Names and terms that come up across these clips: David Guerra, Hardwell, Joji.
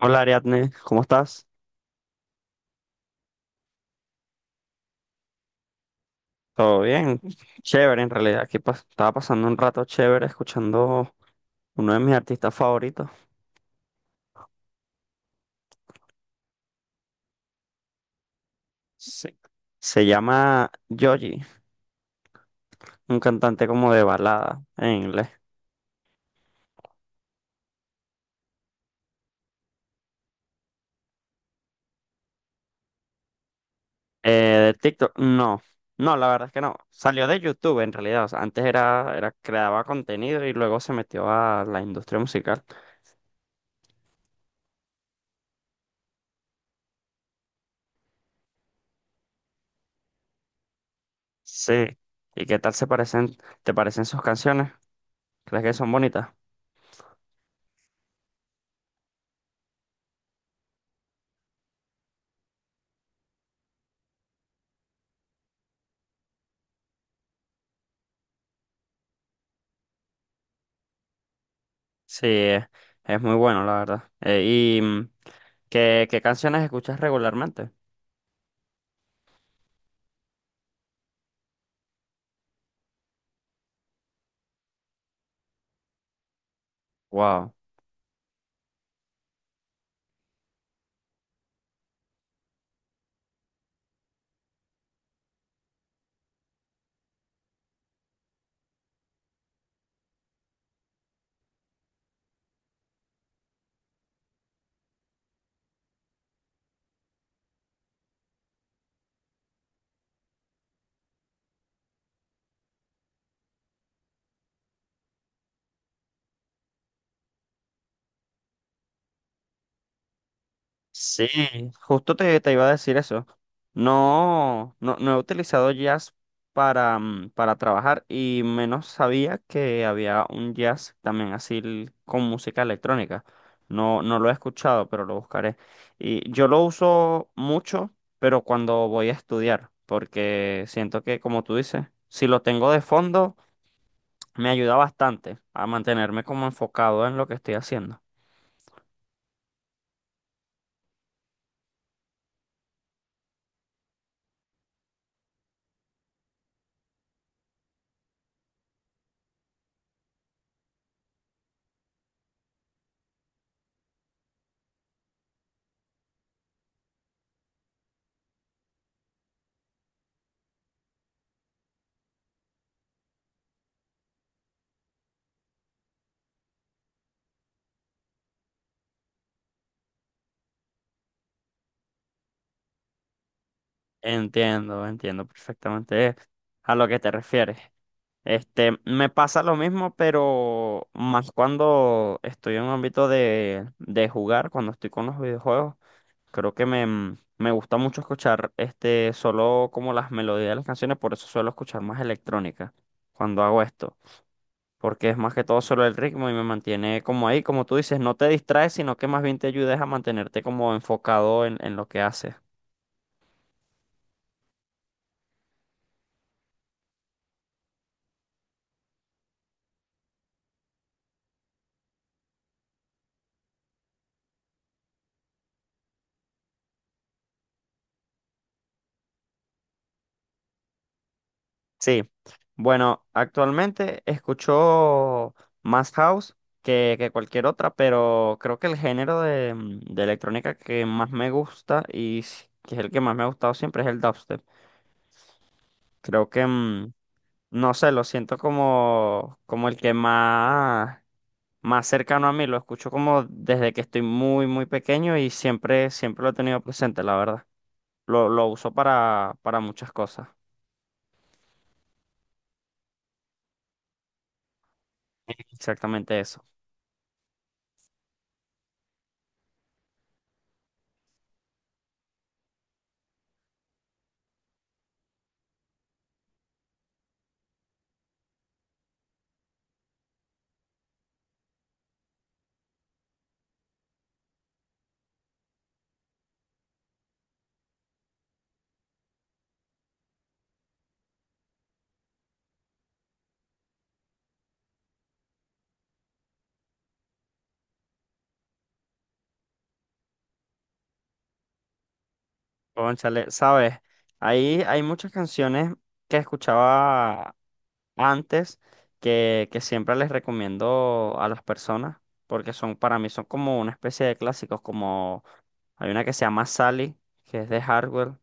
Hola Ariadne, ¿cómo estás? ¿Todo bien? Chévere en realidad. Aquí estaba pasando un rato chévere escuchando uno de mis artistas favoritos. Sí. Se llama Joji, un cantante como de balada en inglés. ¿De TikTok? No, no, la verdad es que no. Salió de YouTube en realidad. O sea, antes era, creaba contenido y luego se metió a la industria musical. Sí. ¿Y qué tal se parecen, te parecen sus canciones? ¿Crees que son bonitas? Sí, es muy bueno, la verdad. ¿Y qué canciones escuchas regularmente? Wow. Sí, justo te iba a decir eso. No, no, no he utilizado jazz para, para trabajar y menos sabía que había un jazz también así con música electrónica. No, no lo he escuchado, pero lo buscaré. Y yo lo uso mucho, pero cuando voy a estudiar, porque siento que, como tú dices, si lo tengo de fondo me ayuda bastante a mantenerme como enfocado en lo que estoy haciendo. Entiendo, entiendo perfectamente a lo que te refieres. Este, me pasa lo mismo, pero más cuando estoy en un ámbito de jugar, cuando estoy con los videojuegos, creo que me gusta mucho escuchar este, solo como las melodías de las canciones, por eso suelo escuchar más electrónica cuando hago esto. Porque es más que todo solo el ritmo y me mantiene como ahí, como tú dices, no te distraes, sino que más bien te ayudes a mantenerte como enfocado en lo que haces. Sí, bueno, actualmente escucho más house que cualquier otra, pero creo que el género de electrónica que más me gusta que es el que más me ha gustado siempre es el dubstep. Creo que, no sé, lo siento como, como el que más... más cercano a mí, lo escucho como desde que estoy muy, muy pequeño y siempre, siempre lo he tenido presente, la verdad. Lo uso para muchas cosas, exactamente eso. Cónchale, sabes, ahí hay muchas canciones que escuchaba antes que siempre les recomiendo a las personas, porque son, para mí son como una especie de clásicos, como hay una que se llama Sally, que es de Hardwell.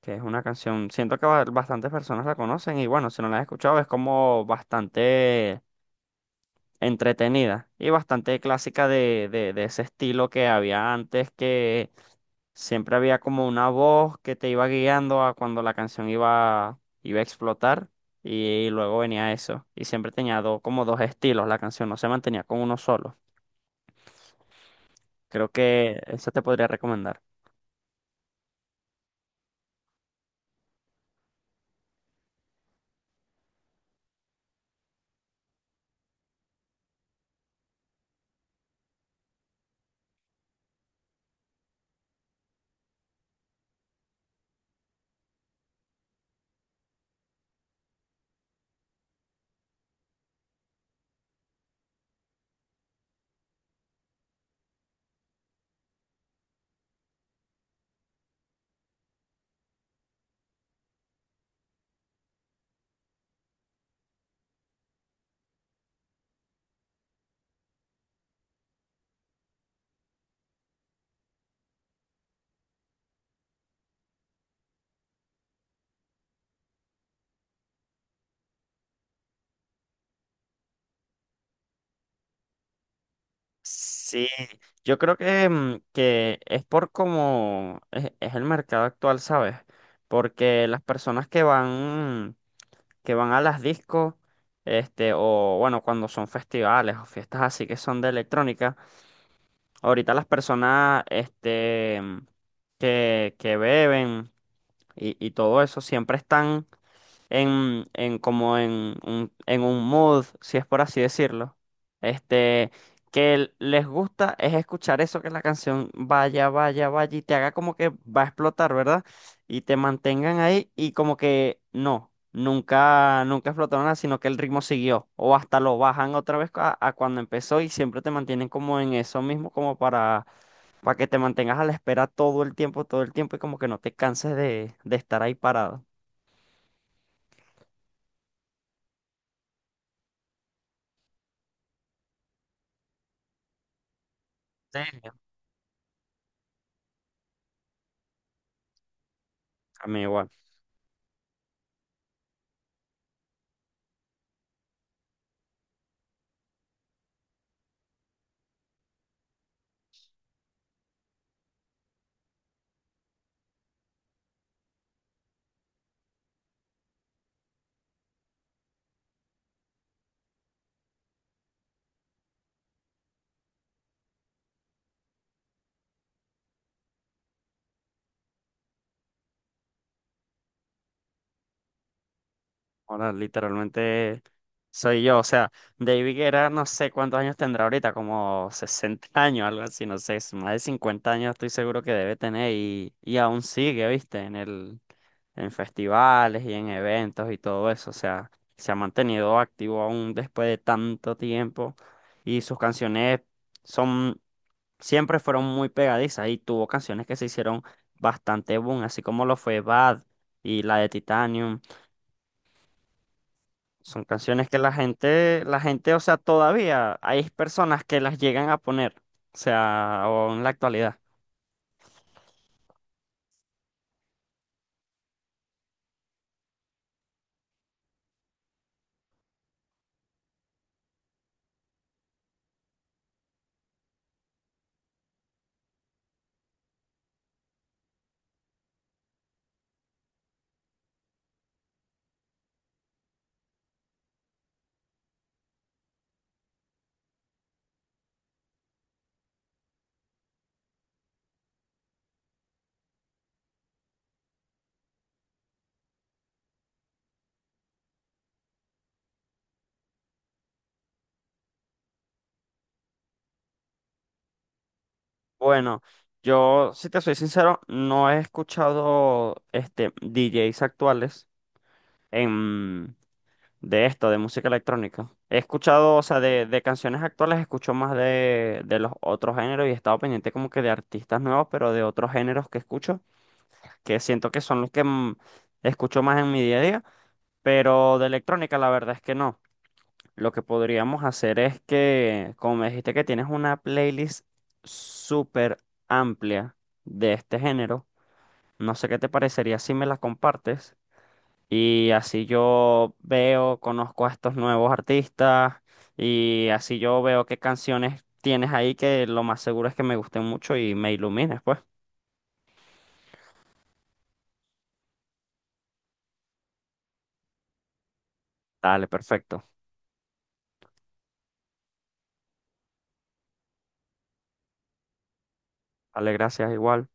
Que es una canción, siento que bastantes personas la conocen y bueno, si no la has escuchado es como bastante entretenida y bastante clásica de ese estilo que había antes, que siempre había como una voz que te iba guiando a cuando la canción iba a explotar y luego venía eso y siempre tenía como dos estilos la canción, no se mantenía con uno solo. Creo que eso te podría recomendar. Sí, yo creo que, que es por cómo es el mercado actual, ¿sabes? Porque las personas que van a las discos, este, o bueno, cuando son festivales o fiestas así que son de electrónica, ahorita las personas, que beben y todo eso, siempre están en como en un mood, si es por así decirlo, este, que les gusta es escuchar eso, que la canción vaya, vaya, vaya y te haga como que va a explotar, ¿verdad? Y te mantengan ahí y como que no, nunca, nunca explotó nada, sino que el ritmo siguió o hasta lo bajan otra vez a cuando empezó y siempre te mantienen como en eso mismo, como para... para que te mantengas a la espera todo el tiempo y como que no te canses de estar ahí parado. Sí. A mí igual. Ahora literalmente soy yo. O sea, David Guerra no sé cuántos años tendrá ahorita, como 60 años, algo así, no sé, es más de 50 años estoy seguro que debe tener y aún sigue, viste, en el, en festivales y en eventos y todo eso. O sea, se ha mantenido activo aún después de tanto tiempo y sus canciones son, siempre fueron muy pegadizas y tuvo canciones que se hicieron bastante boom, así como lo fue Bad y la de Titanium. Son canciones que la gente, o sea, todavía hay personas que las llegan a poner, o sea, o en la actualidad. Bueno, yo, si te soy sincero, no he escuchado este DJs actuales en, de esto, de música electrónica. He escuchado, o sea, de canciones actuales, escucho más de los otros géneros y he estado pendiente como que de artistas nuevos, pero de otros géneros que escucho, que siento que son los que escucho más en mi día a día, pero de electrónica la verdad es que no. Lo que podríamos hacer es que, como me dijiste que tienes una playlist súper amplia de este género, no sé qué te parecería si me la compartes y así yo veo, conozco a estos nuevos artistas y así yo veo qué canciones tienes ahí que lo más seguro es que me gusten mucho y me ilumines, pues. Dale, perfecto. Dale, gracias igual.